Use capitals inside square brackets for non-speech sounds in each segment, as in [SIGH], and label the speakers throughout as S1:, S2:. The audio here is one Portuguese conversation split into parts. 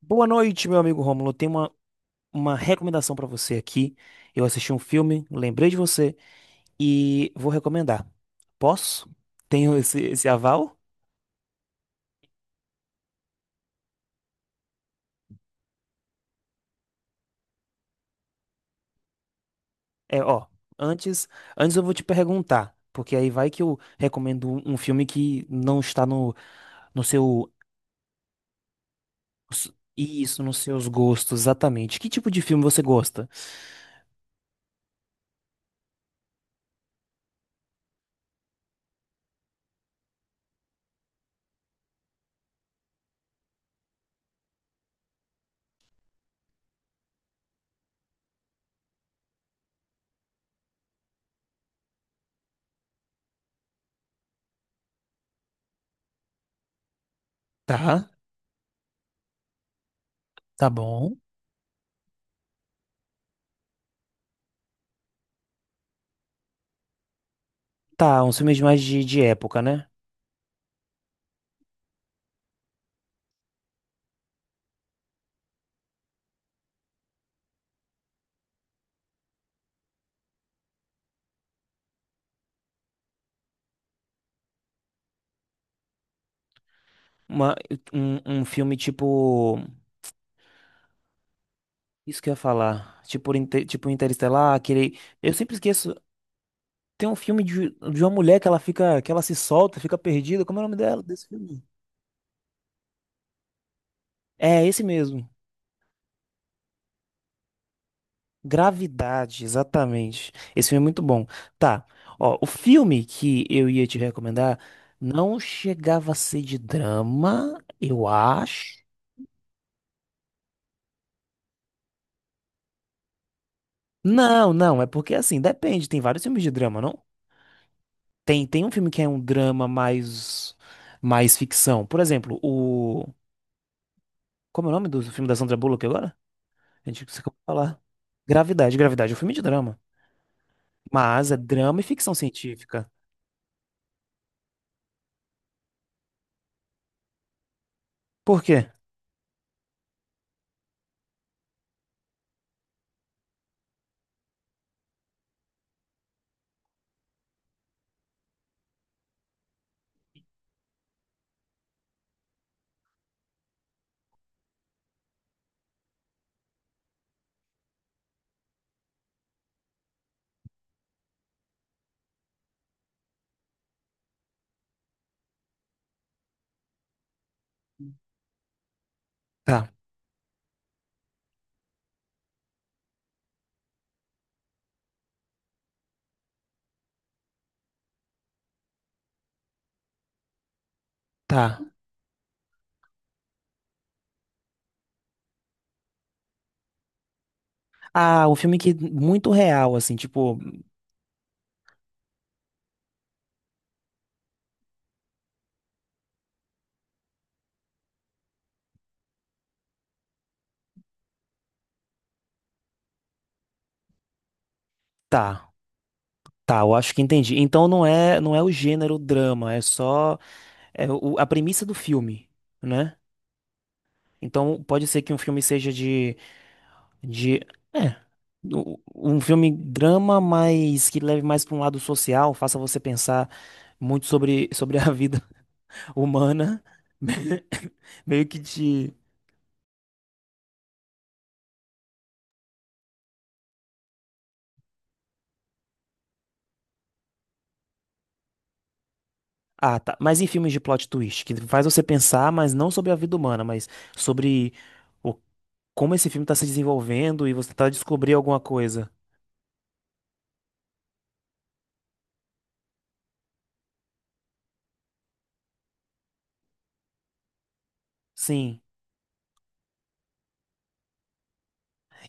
S1: Boa noite, meu amigo Rômulo. Tenho uma recomendação pra você aqui. Eu assisti um filme, lembrei de você e vou recomendar. Posso? Tenho [LAUGHS] esse aval? É, ó, antes, antes eu vou te perguntar, porque aí vai que eu recomendo um filme que não está no seu, isso, nos seus gostos, exatamente. Que tipo de filme você gosta? Tá, tá bom. Tá, uns filmes mais de época, né? Uma, um filme tipo. Isso que eu ia falar. Tipo, tipo Interestelar, aquele. Eu sempre esqueço. Tem um filme de uma mulher que ela fica. Que ela se solta, fica perdida. Como é o nome dela desse filme? É, esse mesmo. Gravidade, exatamente. Esse filme é muito bom. Tá. Ó, o filme que eu ia te recomendar não chegava a ser de drama, eu acho. Não, não, é porque assim, depende, tem vários filmes de drama, não? Tem um filme que é um drama mais ficção. Por exemplo, o como é o nome do filme da Sandra Bullock agora? A gente se acabou de falar. Gravidade, Gravidade é um filme de drama, mas é drama e ficção científica. Por quê? Tá, tá. Ah, um filme que muito real, assim, tipo, tá, tá, eu acho que entendi. Então não é, não é o gênero drama, é só é a premissa do filme, né? Então pode ser que um filme seja de, é, um filme drama, mas que leve mais para um lado social, faça você pensar muito sobre, [LAUGHS] sobre a vida [LAUGHS] humana, [LAUGHS] meio que te. Ah, tá. Mas em filmes de plot twist, que faz você pensar, mas não sobre a vida humana, mas sobre como esse filme está se desenvolvendo e você tá descobrindo alguma coisa. Sim.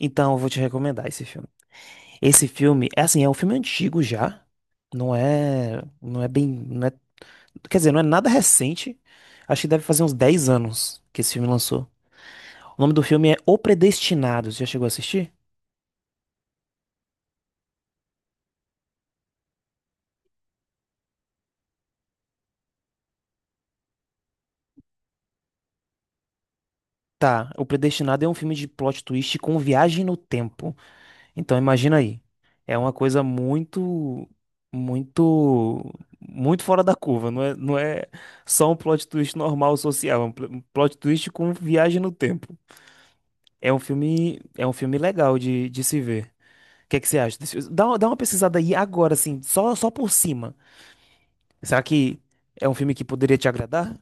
S1: Então, eu vou te recomendar esse filme. Esse filme, é assim, é um filme antigo já. Não é, não é bem, não é- quer dizer, não é nada recente. Acho que deve fazer uns 10 anos que esse filme lançou. O nome do filme é O Predestinado. Você já chegou a assistir? Tá, O Predestinado é um filme de plot twist com viagem no tempo. Então, imagina aí. É uma coisa muito, muito, muito fora da curva. Não é, não é só um plot twist normal social, é um um plot twist com viagem no tempo. É um filme legal de se ver. O que é que você acha desse filme? Dá, dá uma pesquisada aí agora, assim, só, só por cima. Será que é um filme que poderia te agradar?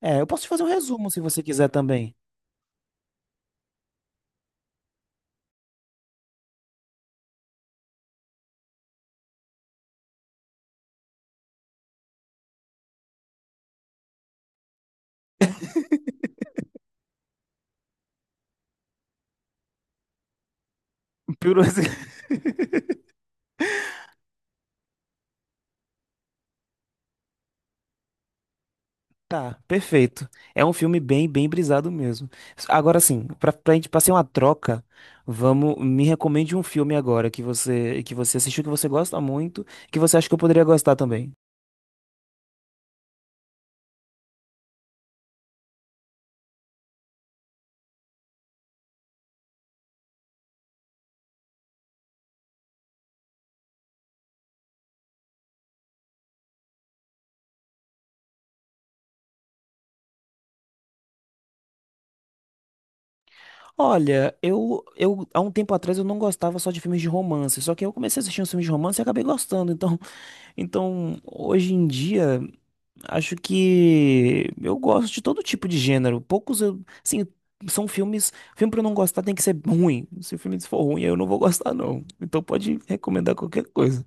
S1: É, eu posso te fazer um resumo se você quiser também. [LAUGHS] Piru-. Tá, perfeito. É um filme bem, bem brisado mesmo. Agora sim, pra gente passar uma troca, vamos, me recomende um filme agora que você assistiu, que você gosta muito, que você acha que eu poderia gostar também. Olha, eu há um tempo atrás eu não gostava só de filmes de romance, só que eu comecei a assistir uns filmes de romance e acabei gostando. Então, então hoje em dia acho que eu gosto de todo tipo de gênero. Poucos eu, assim, são filme pra eu não gostar tem que ser ruim. Se o filme for ruim, eu não vou gostar não. Então pode recomendar qualquer coisa.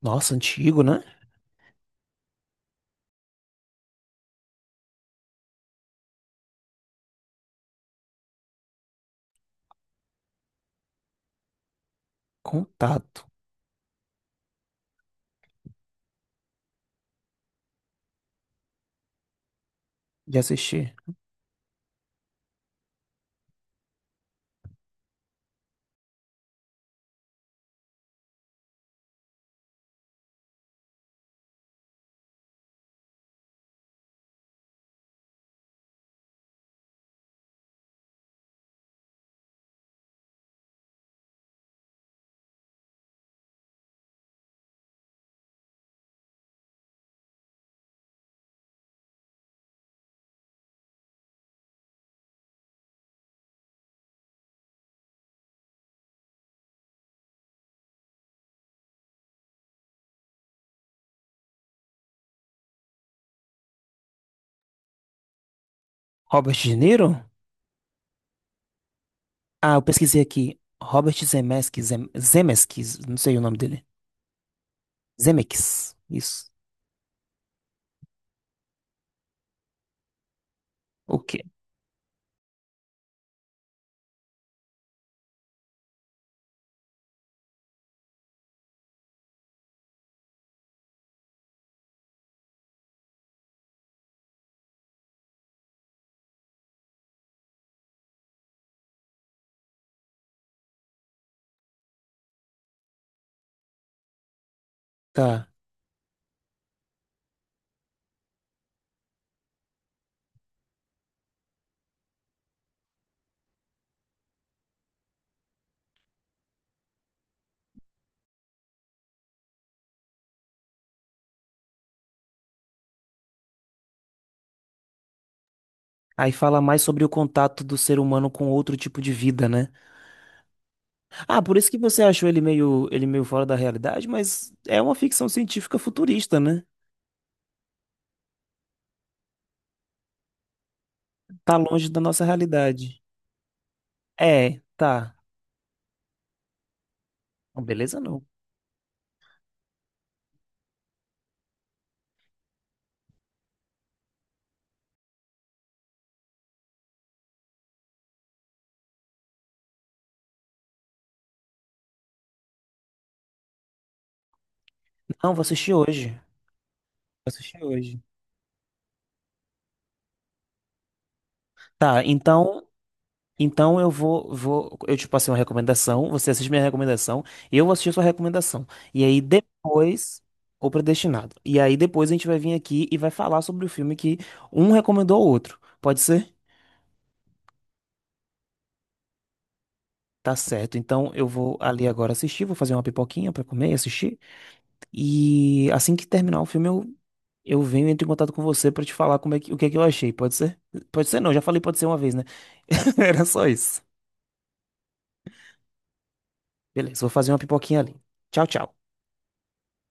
S1: Nossa, antigo, né? Contato. Já assisti. Robert De Niro? Ah, eu pesquisei aqui. Robert Zemeckis, Zemeckis, não sei o nome dele. Zemeckis. Isso. O quê? Tá. Aí fala mais sobre o contato do ser humano com outro tipo de vida, né? Ah, por isso que você achou ele meio fora da realidade, mas é uma ficção científica futurista, né? Tá longe da nossa realidade. É, tá. Não, beleza, não. Não, vou assistir hoje. Vou assistir hoje. Tá, então, então eu vou, eu te passei uma recomendação, você assiste minha recomendação, eu vou assistir a sua recomendação. E aí depois, O Predestinado. E aí depois a gente vai vir aqui e vai falar sobre o filme que um recomendou ao outro. Pode ser? Tá certo. Então eu vou ali agora assistir, vou fazer uma pipoquinha pra comer e assistir. E assim que terminar o filme, eu venho e entro em contato com você pra te falar como é que, o que é que eu achei. Pode ser? Pode ser não, já falei pode ser uma vez, né? [LAUGHS] Era só isso. Beleza, vou fazer uma pipoquinha ali. Tchau, tchau.